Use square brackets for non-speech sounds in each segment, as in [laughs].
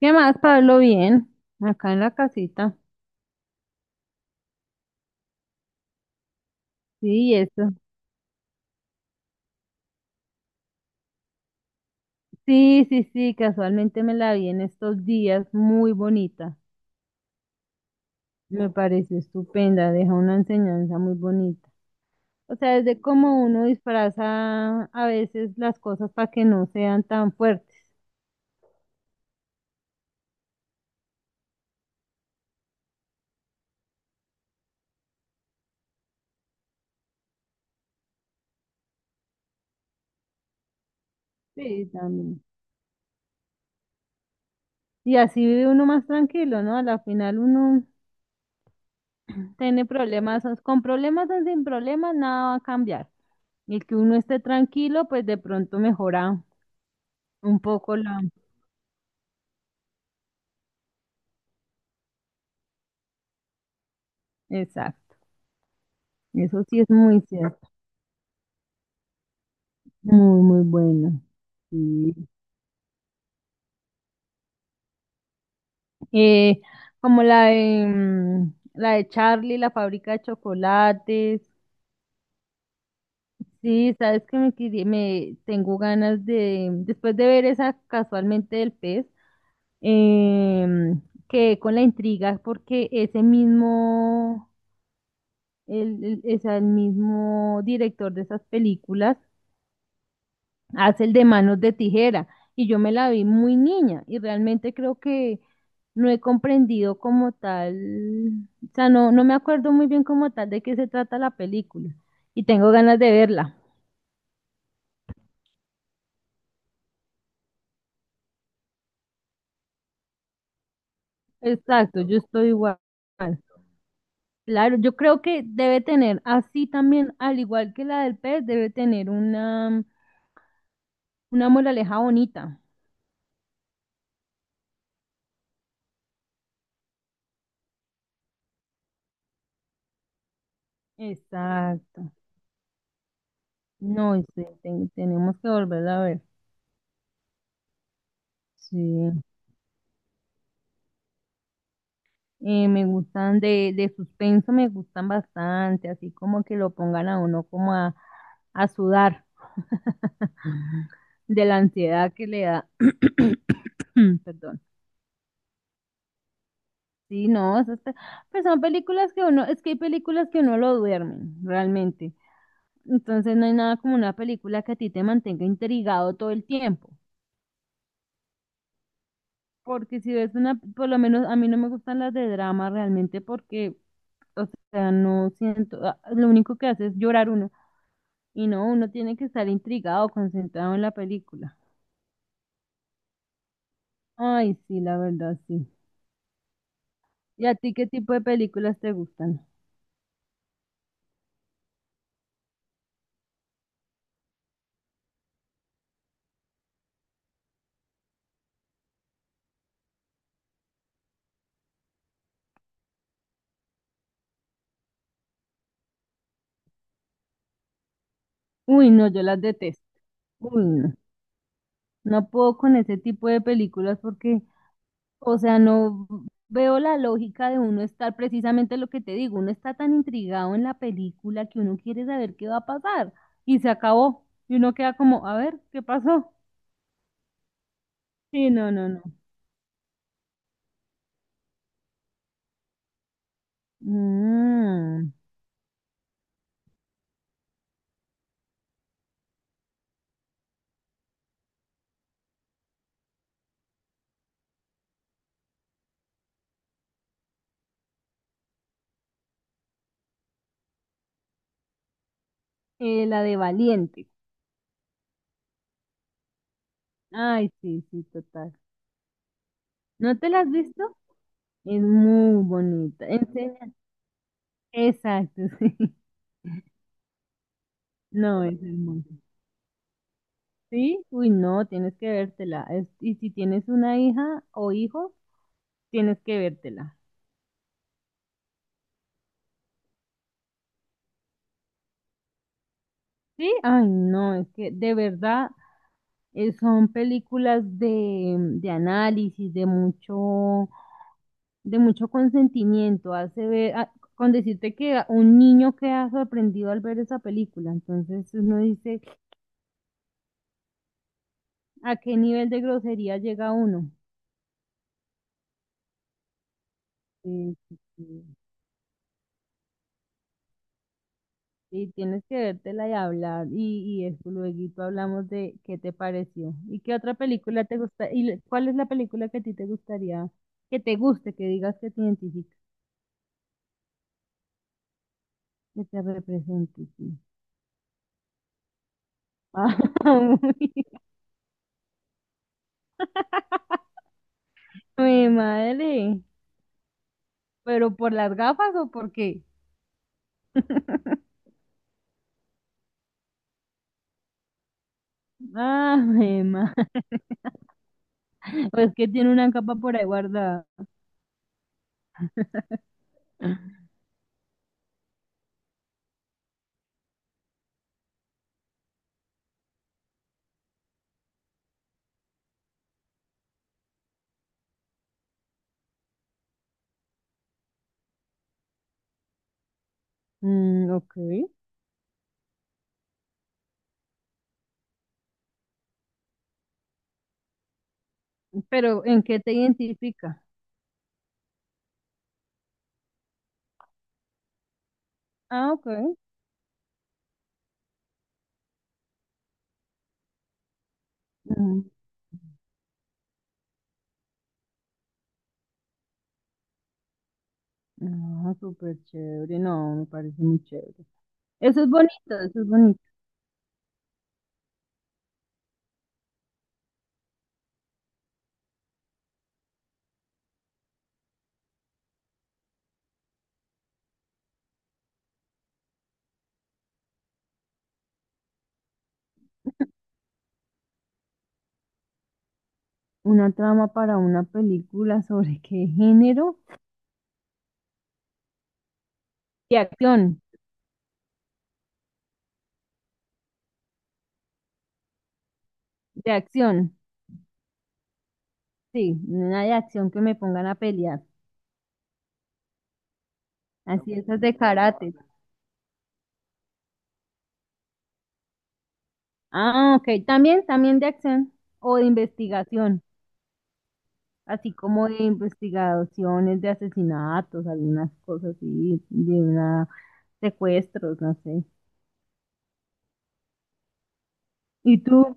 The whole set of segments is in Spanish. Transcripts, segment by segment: ¿Qué más, Pablo? Bien, acá en la casita. Sí, eso. Sí, sí, sí, casualmente me la vi en estos días, muy bonita. Me pareció estupenda, deja una enseñanza muy bonita. O sea, desde cómo uno disfraza a veces las cosas para que no sean tan fuertes. Sí, también. Y así vive uno más tranquilo, ¿no? A la final uno tiene problemas, con problemas o sin problemas, nada va a cambiar. Y el que uno esté tranquilo, pues de pronto mejora un poco la... Exacto, eso sí es muy cierto, muy, muy bueno. Sí. Eh, Como la de, la de Charlie, la fábrica de chocolates. Sí, sabes que me, me tengo ganas de, después de ver esa casualmente del pez, eh, quedé con la intriga porque ese mismo, es el mismo director de esas películas, hace el de manos de tijera, y yo me la vi muy niña y realmente creo que no he comprendido como tal. O sea, no, no me acuerdo muy bien como tal de qué se trata la película y tengo ganas de verla. Exacto, yo estoy igual. Claro, yo creo que debe tener así también, al igual que la del pez, debe tener una moraleja bonita. Exacto. No, y sí, tenemos que volverla a ver. Sí. Me gustan de suspenso, me gustan bastante, así como que lo pongan a uno como a sudar de la ansiedad que le da. [coughs] [clears throat] Perdón. Sí, no, pues son películas que uno, es que hay películas que uno lo duermen, realmente. Entonces no hay nada como una película que a ti te mantenga intrigado todo el tiempo. Porque si ves una, por lo menos a mí no me gustan las de drama realmente porque, o sea, no siento, lo único que hace es llorar uno. Y no, uno tiene que estar intrigado, concentrado en la película. Ay, sí, la verdad, sí. ¿Y a ti qué tipo de películas te gustan? Uy, no, yo las detesto. Uy, no. No puedo con ese tipo de películas porque, o sea, no veo la lógica de uno estar precisamente lo que te digo. Uno está tan intrigado en la película que uno quiere saber qué va a pasar. Y se acabó. Y uno queda como, a ver, ¿qué pasó? Sí, no, no, no. Mm, la de Valiente. Ay, sí, sí, total. ¿No te la has visto? Es muy bonita. Enseña. Exacto, [laughs] sí. No, es hermosa. ¿Sí? Uy, no, tienes que vértela. Y si tienes una hija o hijo, tienes que vértela. ¿Sí? Ay, no, es que de verdad son películas de análisis, de mucho consentimiento. Hace ver, con decirte que un niño queda sorprendido al ver esa película. Entonces uno dice, ¿a qué nivel de grosería llega uno? Sí, sí, sí. Y tienes que vértela y hablar. Y eso, luego hablamos de qué te pareció. ¿Y qué otra película te gusta? ¿Y cuál es la película que a ti te gustaría, que te guste, que digas que te identifica, que te represente? Sí. Ah, [laughs] uy, [laughs] mi madre. ¿Pero por las gafas o por qué? [laughs] Ah, mi madre. Pues que tiene una capa por ahí guardada. Mm, ok. ¿Pero en qué te identifica? Ah, ok. Mm. Ah, súper chévere, no, me parece muy chévere. Eso es bonito, eso es bonito. Una trama para una película sobre qué género. De acción, de acción, sí, una de acción que me pongan a pelear. Así esas de karate. Ah, ok, también, también de acción o de investigación, así como de investigaciones de asesinatos, algunas cosas así, de una, secuestros, no sé. ¿Y tú?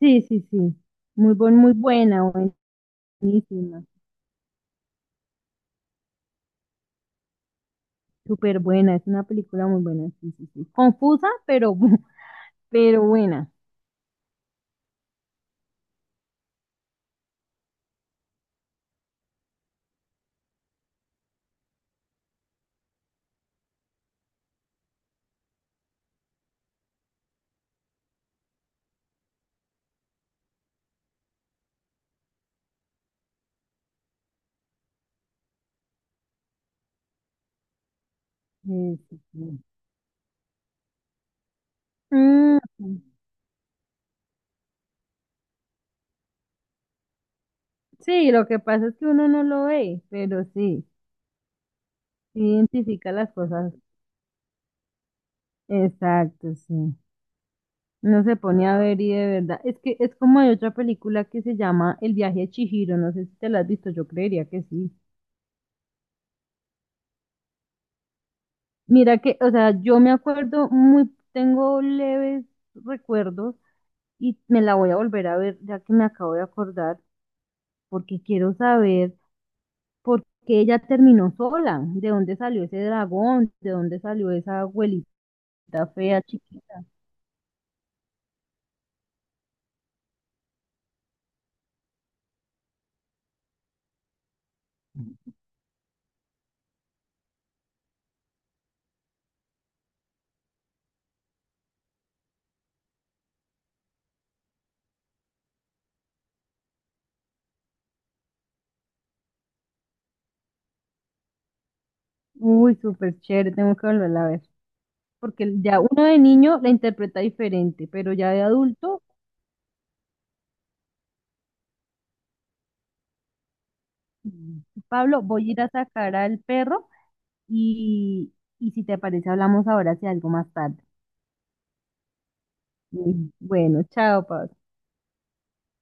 Sí, sí, sí. Muy buen, muy buena, buenísima, súper buena, es una película muy buena, sí, sí, sí. Confusa, pero, [laughs] pero buena. Sí, sí, sí. Mm, sí, lo que pasa es que uno no lo ve, pero sí, sí identifica las cosas. Exacto, sí. No se pone a ver y de verdad. Es que es como hay otra película que se llama El viaje de Chihiro, no sé si te la has visto, yo creería que sí. Mira que, o sea, yo me acuerdo muy, tengo leves recuerdos y me la voy a volver a ver ya que me acabo de acordar porque quiero saber por qué ella terminó sola, de dónde salió ese dragón, de dónde salió esa abuelita fea, chiquita. Uy, súper chévere, tengo que volverla a ver, porque ya uno de niño la interpreta diferente, pero ya de adulto, mm, Pablo, voy a ir a sacar al perro y, y si te parece hablamos ahora si algo más tarde. Mm, bueno, chao, Pablo.